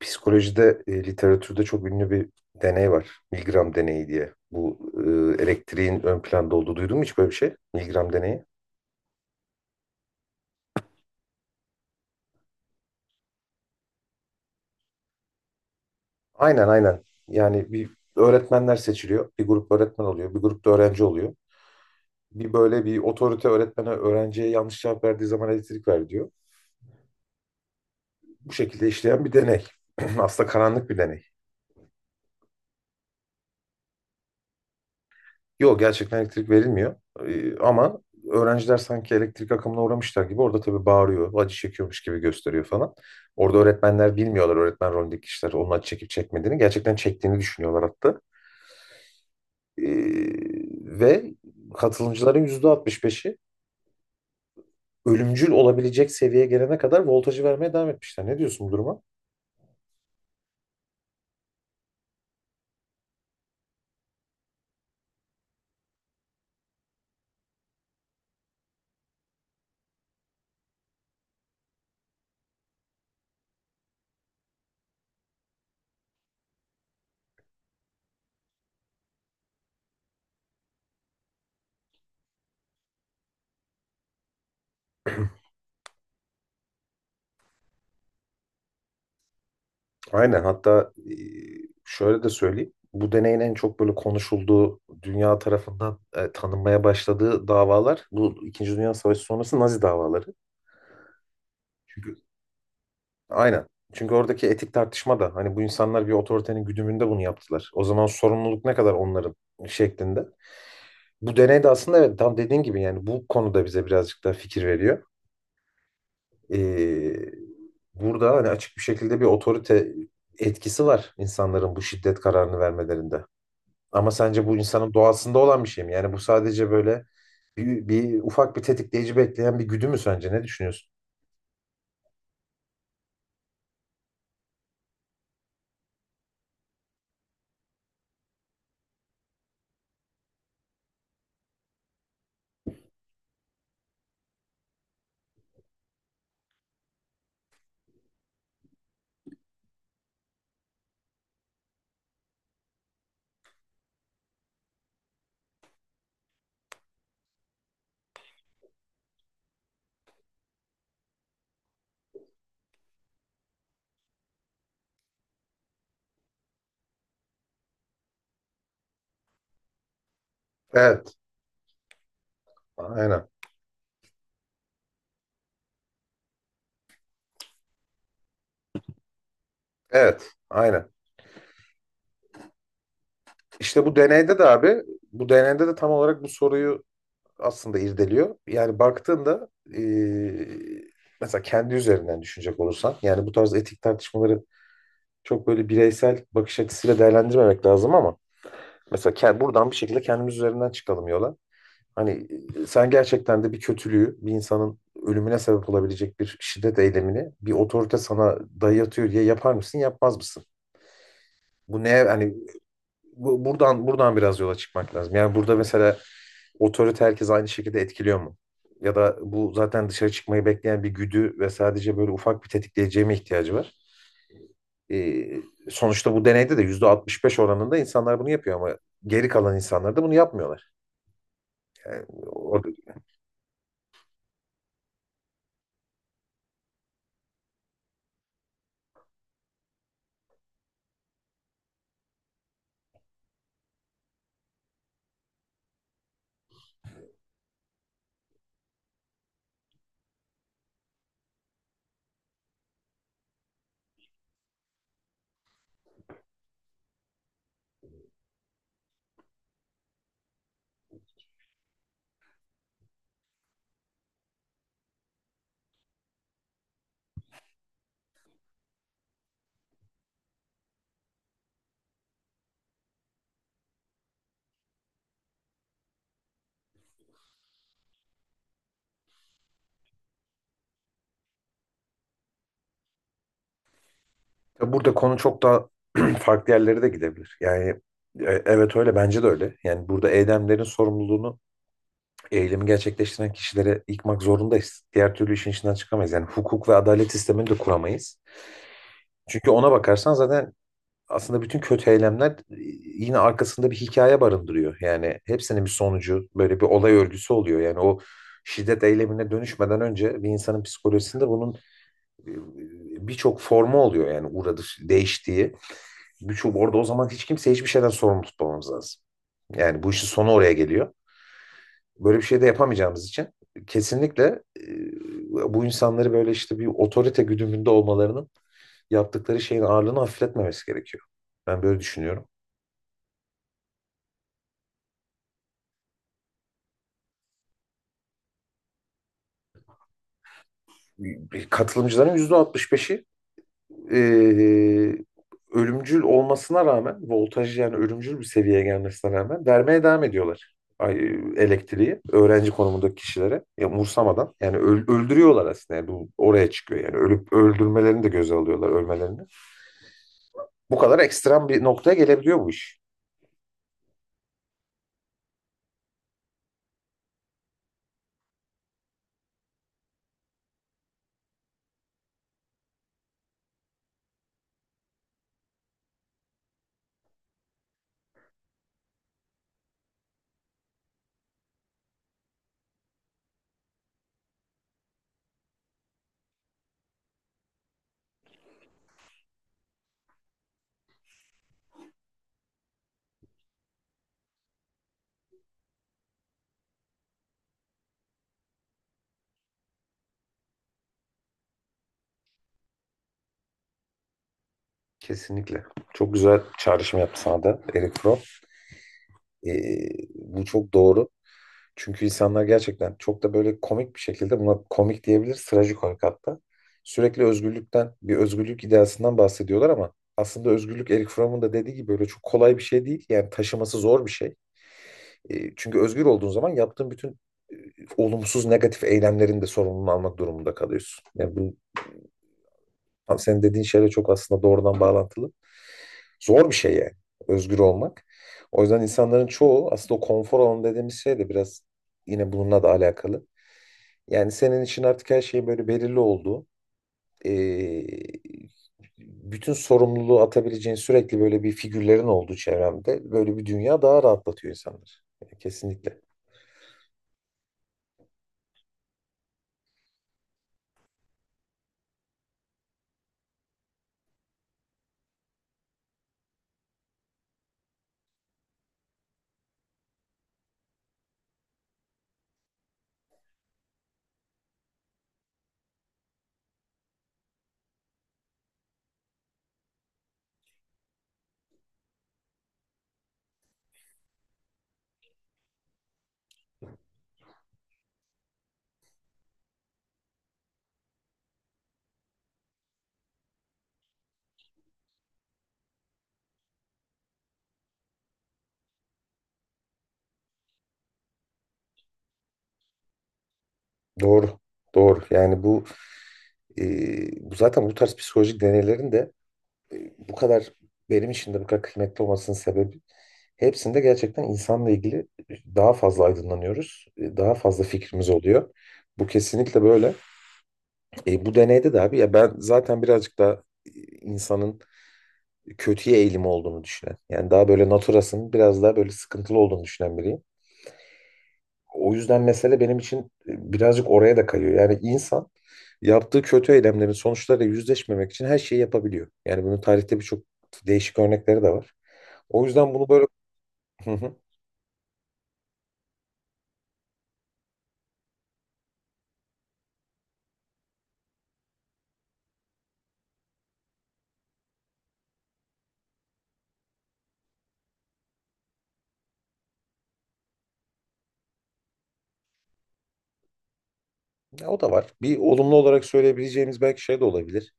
Psikolojide, literatürde çok ünlü bir deney var. Milgram deneyi diye. Bu elektriğin ön planda olduğu duydun mu hiç böyle bir şey? Milgram deneyi. Aynen aynen. Yani bir öğretmenler seçiliyor. Bir grup öğretmen oluyor. Bir grupta öğrenci oluyor. Bir böyle bir otorite öğretmene öğrenciye yanlış cevap verdiği zaman elektrik ver diyor. Bu şekilde işleyen bir deney. Aslında karanlık bir deney. Yok, gerçekten elektrik verilmiyor. Ama öğrenciler sanki elektrik akımına uğramışlar gibi orada tabii bağırıyor, acı çekiyormuş gibi gösteriyor falan. Orada öğretmenler bilmiyorlar, öğretmen rolündeki kişiler onun acı çekip çekmediğini. Gerçekten çektiğini düşünüyorlar hatta. Ee, ve katılımcıların %65'i ölümcül olabilecek seviyeye gelene kadar voltajı vermeye devam etmişler. Ne diyorsun bu duruma? Aynen, hatta şöyle de söyleyeyim. Bu deneyin en çok böyle konuşulduğu, dünya tarafından tanınmaya başladığı davalar bu İkinci Dünya Savaşı sonrası Nazi davaları. Çünkü aynen. Çünkü oradaki etik tartışma da hani bu insanlar bir otoritenin güdümünde bunu yaptılar. O zaman sorumluluk ne kadar onların şeklinde. Bu deney de aslında evet tam dediğin gibi, yani bu konuda bize birazcık daha fikir veriyor. Ee, burada hani açık bir şekilde bir otorite etkisi var insanların bu şiddet kararını vermelerinde. Ama sence bu insanın doğasında olan bir şey mi? Yani bu sadece böyle bir ufak bir tetikleyici bekleyen bir güdü mü sence? Ne düşünüyorsun? Evet, aynen. Evet, aynen. İşte bu deneyde de abi, bu deneyde de tam olarak bu soruyu aslında irdeliyor. Yani baktığında mesela kendi üzerinden düşünecek olursan, yani bu tarz etik tartışmaları çok böyle bireysel bakış açısıyla değerlendirmemek lazım ama mesela buradan bir şekilde kendimiz üzerinden çıkalım yola. Hani sen gerçekten de bir kötülüğü, bir insanın ölümüne sebep olabilecek bir şiddet eylemini bir otorite sana dayatıyor diye yapar mısın, yapmaz mısın? Bu neye hani buradan biraz yola çıkmak lazım. Yani burada mesela otorite herkes aynı şekilde etkiliyor mu? Ya da bu zaten dışarı çıkmayı bekleyen bir güdü ve sadece böyle ufak bir tetikleyiciye mi ihtiyacı var? E, sonuçta bu deneyde de %65 oranında insanlar bunu yapıyor ama geri kalan insanlar da bunu yapmıyorlar. Yani o- Tabii, burada konu çok daha farklı yerlere de gidebilir. Yani evet, öyle, bence de öyle. Yani burada eylemlerin sorumluluğunu eylemi gerçekleştiren kişilere yıkmak zorundayız. Diğer türlü işin içinden çıkamayız. Yani hukuk ve adalet sistemini de kuramayız. Çünkü ona bakarsan zaten aslında bütün kötü eylemler yine arkasında bir hikaye barındırıyor. Yani hepsinin bir sonucu böyle bir olay örgüsü oluyor. Yani o şiddet eylemine dönüşmeden önce bir insanın psikolojisinde bunun birçok formu oluyor, yani uğradı değiştiği. Birçok orada, o zaman hiç kimse hiçbir şeyden sorumlu tutmamamız lazım. Yani bu işin sonu oraya geliyor. Böyle bir şey de yapamayacağımız için kesinlikle bu insanları böyle işte bir otorite güdümünde olmalarının yaptıkları şeyin ağırlığını hafifletmemesi gerekiyor. Ben böyle düşünüyorum. Katılımcıların %65'i e, ölümcül olmasına rağmen voltaj, yani ölümcül bir seviyeye gelmesine rağmen vermeye devam ediyorlar, ay- elektriği öğrenci konumundaki kişilere, ya umursamadan, yani öldürüyorlar aslında, yani bu oraya çıkıyor, yani ölüp öldürmelerini de göze alıyorlar, ölmelerini. Bu kadar ekstrem bir noktaya gelebiliyor bu iş. Kesinlikle. Çok güzel çağrışım yaptı sana da Eric Fromm. Ee, bu çok doğru. Çünkü insanlar gerçekten çok da böyle komik bir şekilde, buna komik diyebiliriz, trajikomik hatta. Sürekli özgürlükten, bir özgürlük ideasından bahsediyorlar ama aslında özgürlük Eric Fromm'un da dediği gibi böyle çok kolay bir şey değil. Yani taşıması zor bir şey. Çünkü özgür olduğun zaman yaptığın bütün e, olumsuz, negatif eylemlerin de sorumluluğunu almak durumunda kalıyorsun. Yani bu tam senin dediğin şeyle çok aslında doğrudan bağlantılı. Zor bir şey, yani özgür olmak. O yüzden insanların çoğu aslında o konfor alanı dediğimiz şey de biraz yine bununla da alakalı. Yani senin için artık her şey böyle belirli olduğu, eee, bütün sorumluluğu atabileceğin sürekli böyle bir figürlerin olduğu çevremde böyle bir dünya daha rahatlatıyor insanlar. Kesinlikle. Doğru. Doğru. Yani bu bu zaten bu tarz psikolojik deneylerin de bu kadar benim için de bu kadar kıymetli olmasının sebebi, hepsinde gerçekten insanla ilgili daha fazla aydınlanıyoruz. Daha fazla fikrimiz oluyor. Bu kesinlikle böyle. Bu deneyde de abi ya, ben zaten birazcık daha insanın kötüye eğilimi olduğunu düşünen. Yani daha böyle naturasının biraz daha böyle sıkıntılı olduğunu düşünen biriyim. O yüzden mesele benim için birazcık oraya da kayıyor. Yani insan yaptığı kötü eylemlerin sonuçlarıyla yüzleşmemek için her şeyi yapabiliyor. Yani bunun tarihte birçok değişik örnekleri de var. O yüzden bunu böyle. Hı hı. Ya, o da var. Bir olumlu olarak söyleyebileceğimiz belki şey de olabilir.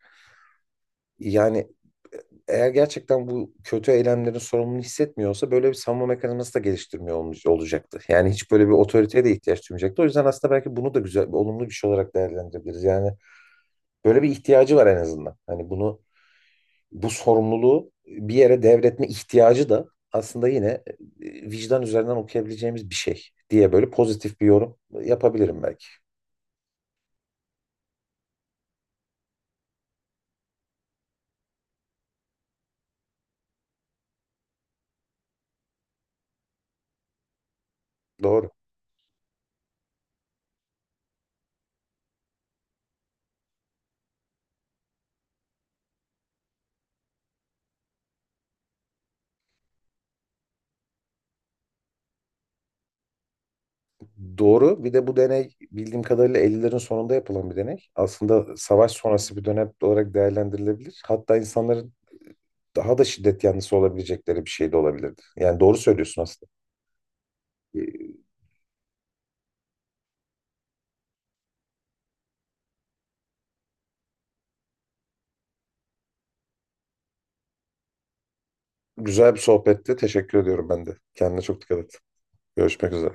Yani eğer gerçekten bu kötü eylemlerin sorumluluğunu hissetmiyorsa, böyle bir savunma mekanizması da geliştirmiyor olacaktı. Yani hiç böyle bir otoriteye de ihtiyaç duymayacaktı. O yüzden aslında belki bunu da güzel, olumlu bir şey olarak değerlendirebiliriz. Yani böyle bir ihtiyacı var en azından. Hani bunu, bu sorumluluğu bir yere devretme ihtiyacı da aslında yine vicdan üzerinden okuyabileceğimiz bir şey diye böyle pozitif bir yorum yapabilirim belki. Doğru. Doğru. Bir de bu deney bildiğim kadarıyla 50'lerin sonunda yapılan bir deney. Aslında savaş sonrası bir dönem olarak değerlendirilebilir. Hatta insanların daha da şiddet yanlısı olabilecekleri bir şey de olabilirdi. Yani doğru söylüyorsun aslında. E, Güzel bir sohbetti. Teşekkür ediyorum ben de. Kendine çok dikkat et. Görüşmek üzere.